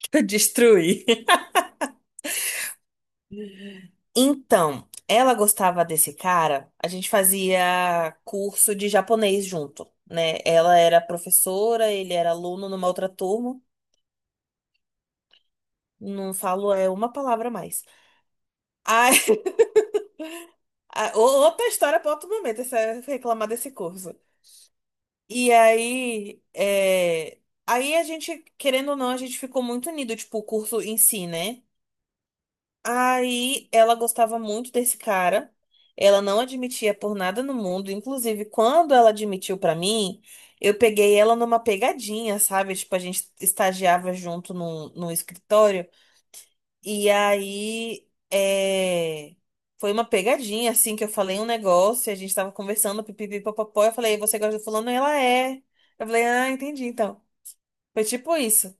Destruir. Então, ela gostava desse cara, a gente fazia curso de japonês junto, né? Ela era professora, ele era aluno numa outra turma. Não falo é uma palavra a mais. Aí, outra história para outro momento, essa, reclamar desse curso. E aí, aí a gente, querendo ou não, a gente ficou muito unido, tipo, o curso em si, né? Aí ela gostava muito desse cara. Ela não admitia por nada no mundo. Inclusive, quando ela admitiu pra mim, eu peguei ela numa pegadinha, sabe? Tipo, a gente estagiava junto num escritório. E aí foi uma pegadinha, assim, que eu falei um negócio, a gente tava conversando, pipipi, papapó. Eu falei, você gosta do fulano? Ela é. Eu falei, ah, entendi, então. Foi tipo isso.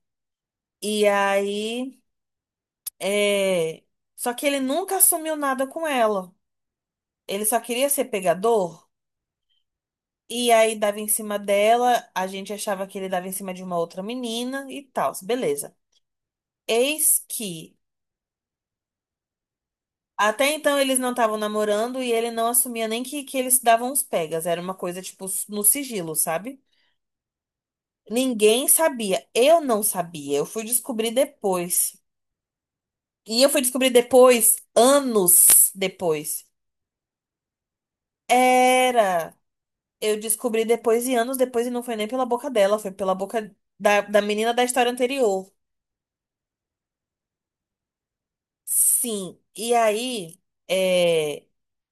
E aí. É... Só que ele nunca assumiu nada com ela. Ele só queria ser pegador. E aí dava em cima dela. A gente achava que ele dava em cima de uma outra menina e tal. Beleza. Eis que. Até então eles não estavam namorando e ele não assumia nem que eles davam uns pegas. Era uma coisa, tipo, no sigilo, sabe? Ninguém sabia. Eu não sabia. Eu fui descobrir depois. E eu fui descobrir depois, anos depois. Era. Eu descobri depois e anos depois, e não foi nem pela boca dela, foi pela boca da menina da história anterior. Sim, e aí, é,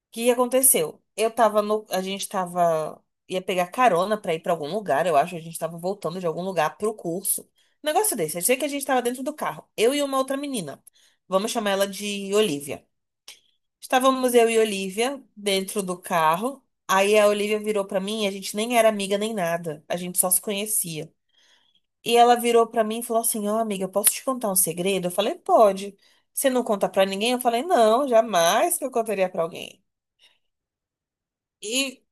o que aconteceu? Eu tava no, a gente tava, ia pegar carona pra ir pra algum lugar, eu acho, a gente tava voltando de algum lugar pro curso. Um negócio desse, eu sei que a gente tava dentro do carro, eu e uma outra menina, vamos chamar ela de Olivia. Estávamos eu e Olivia dentro do carro, aí a Olivia virou pra mim, a gente nem era amiga nem nada, a gente só se conhecia. E ela virou pra mim e falou assim: Ó, amiga, eu posso te contar um segredo? Eu falei: Pode. Você não conta pra ninguém? Eu falei: Não, jamais que eu contaria pra alguém. E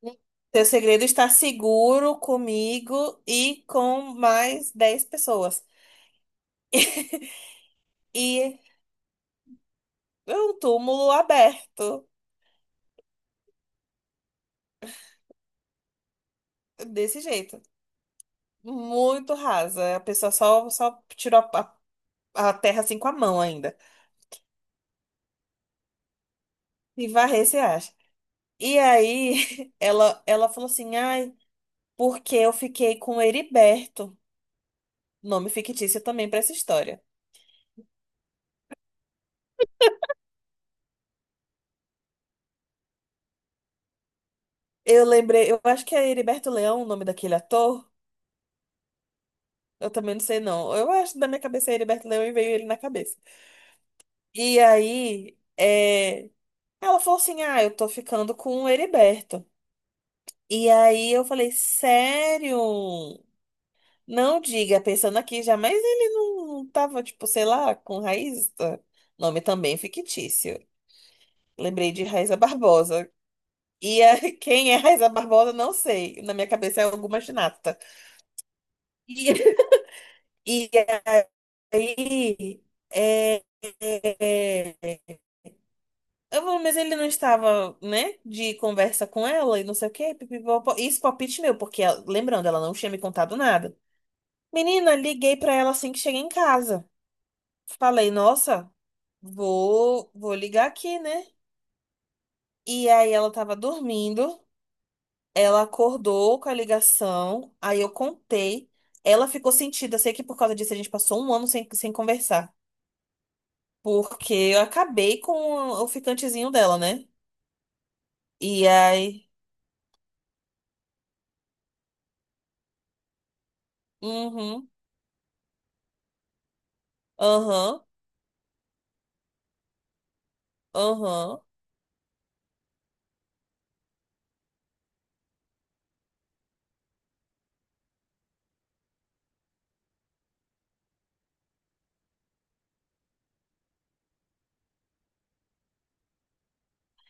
seu segredo está seguro comigo e com mais 10 pessoas. E é um túmulo aberto, desse jeito. Muito rasa. A pessoa só tirou a terra assim com a mão ainda. E varrer, se acha. E aí, ela falou assim: Ai, porque eu fiquei com o Heriberto. Nome fictício também pra essa história. Eu lembrei, eu acho que é Heriberto Leão o nome daquele ator. Eu também não sei, não. Eu acho que da minha cabeça é Heriberto Leão e veio ele na cabeça. E aí, ela falou assim: Ah, eu tô ficando com o Heriberto. E aí eu falei: Sério? Não diga, pensando aqui já, mas ele não tava, tipo, sei lá, com raiz. Tá? Nome também fictício. Lembrei de Raiza Barbosa. E quem é Raiza Barbosa, não sei. Na minha cabeça é alguma ginasta. E, e aí, é, é, é, é, eu vou, mas ele não estava, né, de conversa com ela e não sei o quê. Pipipopó. Isso, é palpite meu, porque, ela- lembrando, ela não tinha me contado nada. Menina, liguei pra ela assim que cheguei em casa. Falei, nossa, vou ligar aqui, né? E aí ela tava dormindo, ela acordou com a ligação, aí eu contei. Ela ficou sentida, sei que por causa disso a gente passou um ano sem conversar. Porque eu acabei com o ficantezinho dela, né? E aí. Uhum, aham, aham.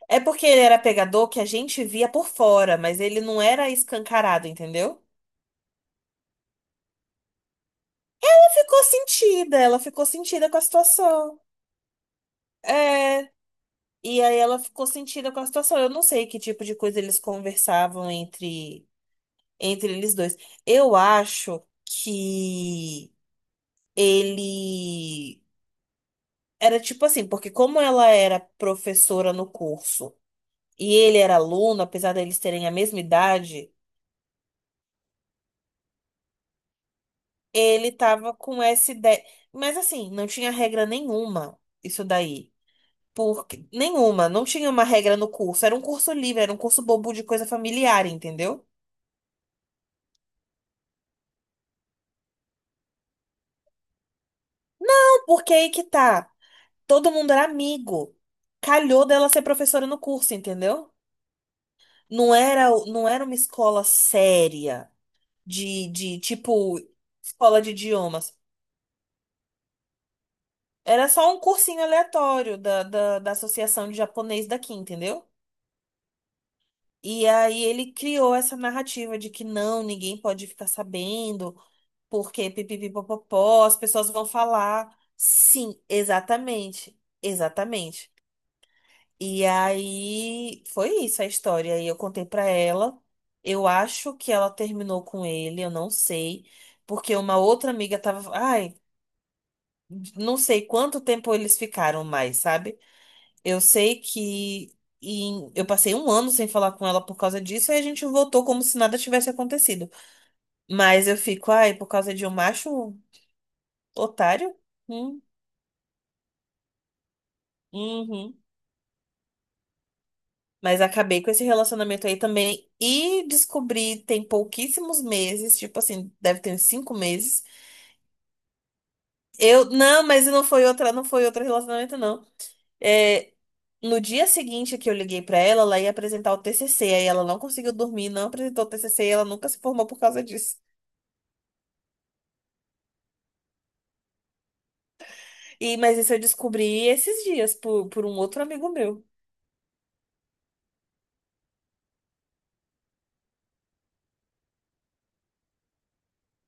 É porque ele era pegador que a gente via por fora, mas ele não era escancarado, entendeu? Ela ficou sentida com a situação. É. E aí ela ficou sentida com a situação. Eu não sei que tipo de coisa eles conversavam entre eles dois. Eu acho que ele era tipo assim, porque como ela era professora no curso e ele era aluno, apesar deles terem a mesma idade, ele tava com essa ideia. Mas assim, não tinha regra nenhuma isso daí. Porque, nenhuma, não tinha uma regra no curso. Era um curso livre, era um curso bobo de coisa familiar, entendeu? Não, porque aí que tá. Todo mundo era amigo. Calhou dela ser professora no curso, entendeu? Não era uma escola séria de tipo escola de idiomas. Era só um cursinho aleatório da Associação de Japonês daqui, entendeu? E aí ele criou essa narrativa de que não, ninguém pode ficar sabendo, porque pipipipopopó, as pessoas vão falar. Sim, exatamente, exatamente. E aí foi isso a história. Aí eu contei pra ela. Eu acho que ela terminou com ele, eu não sei, porque uma outra amiga tava, ai, não sei quanto tempo eles ficaram mais, sabe? Eu sei que eu passei um ano sem falar com ela por causa disso, e a gente voltou como se nada tivesse acontecido. Mas eu fico, ai, por causa de um macho otário? Hum, uhum. Mas acabei com esse relacionamento aí também e descobri tem pouquíssimos meses, tipo assim, deve ter uns 5 meses. Eu, não, mas não foi outra, não foi outro relacionamento, não. É, no dia seguinte que eu liguei pra ela, ela ia apresentar o TCC, aí ela não conseguiu dormir, não apresentou o TCC, e ela nunca se formou por causa disso. E, mas isso eu descobri esses dias por um outro amigo meu.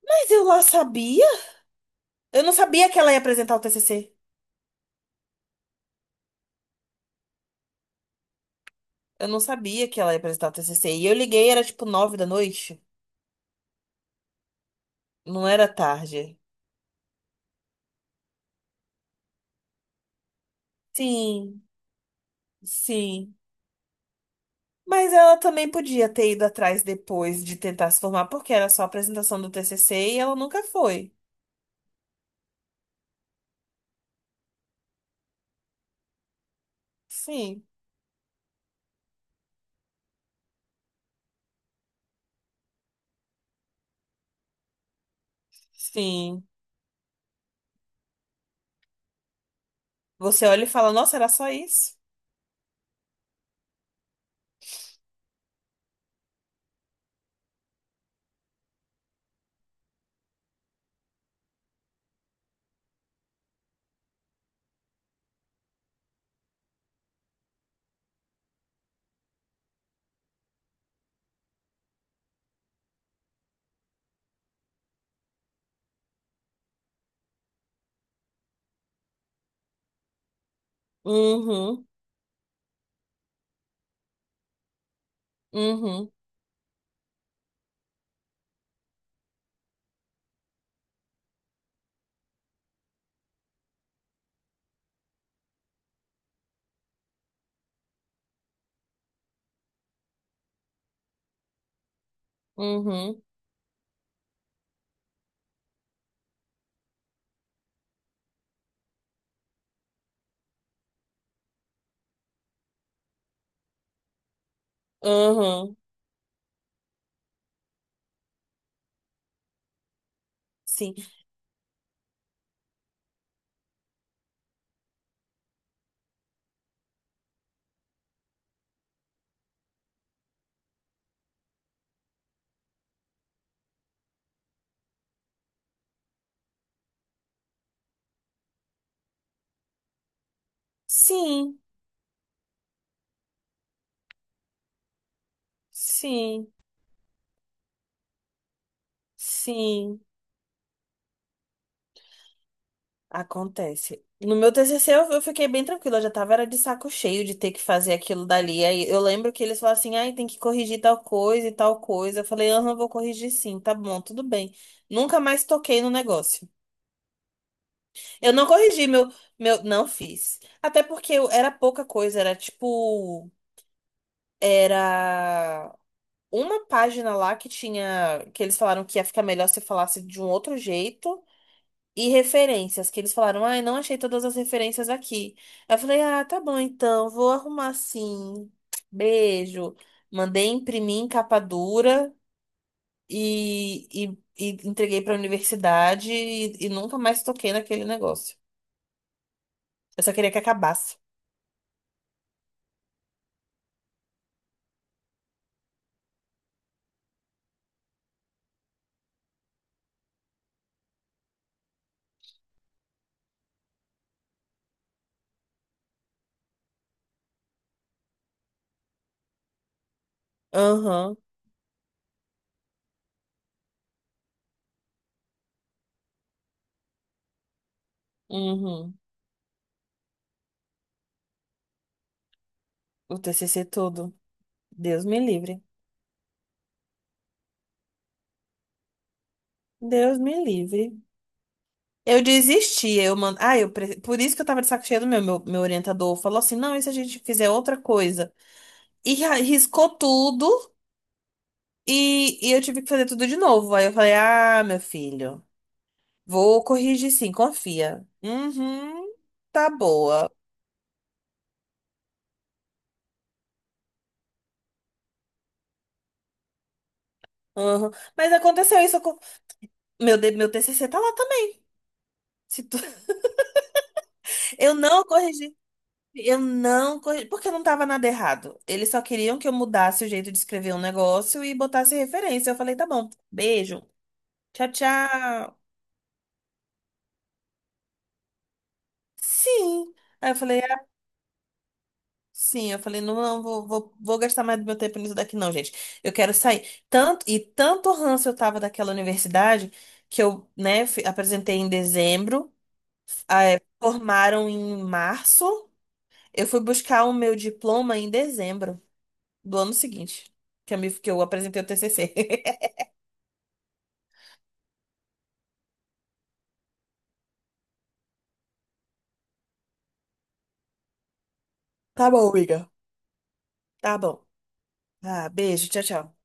Mas eu lá sabia? Eu não sabia que ela ia apresentar o TCC. Eu não sabia que ela ia apresentar o TCC. E eu liguei, era tipo 9 da noite. Não era tarde. Sim, sim. Mas ela também podia ter ido atrás depois de tentar se formar, porque era só a apresentação do TCC e ela nunca foi. Sim, sim. Você olha e fala, nossa, era só isso? Uhum, uhum, uhum, uhum. Sim. Sim, sim, sim, acontece. No meu TCC eu fiquei bem tranquila, eu já tava era de saco cheio de ter que fazer aquilo dali. Aí eu lembro que eles falaram assim: "Ai, tem que corrigir tal coisa e tal coisa". Eu falei: "Aham, vou corrigir sim, tá bom, tudo bem". Nunca mais toquei no negócio. Eu não corrigi meu meu não fiz. Até porque era pouca coisa, era tipo era uma página lá que tinha que eles falaram que ia ficar melhor se falasse de um outro jeito. E referências, que eles falaram, ai, não achei todas as referências aqui. Aí eu falei, ah, tá bom então, vou arrumar sim. Beijo. Mandei imprimir em capa dura e, e entreguei pra universidade e nunca mais toquei naquele negócio. Eu só queria que acabasse. Aham, uhum, o TCC todo. Deus me livre. Deus me livre. Eu desisti, eu mando. Ah, eu por isso que eu tava de saco cheio do meu orientador. Falou assim: não, e se a gente fizer outra coisa? E riscou tudo e eu tive que fazer tudo de novo. Aí eu falei, ah, meu filho, vou corrigir sim, confia. Uhum, tá boa. Uhum. Mas aconteceu isso com... Meu, meu TCC tá lá também. Se tu- Eu não corrigi. Eu não corrigi, porque não tava nada errado. Eles só queriam que eu mudasse o jeito de escrever um negócio e botasse referência. Eu falei, tá bom, beijo, tchau, tchau. Sim. Aí eu falei, sim, eu falei, não, não, vou gastar mais do meu tempo nisso daqui, não, gente. Eu quero sair. Tanto, e tanto ranço eu tava daquela universidade que eu, né, apresentei em dezembro, ah, formaram em março. Eu fui buscar o meu diploma em dezembro do ano seguinte, que eu, me, que eu apresentei o TCC. Tá bom, amiga. Tá bom. Ah, beijo, tchau, tchau.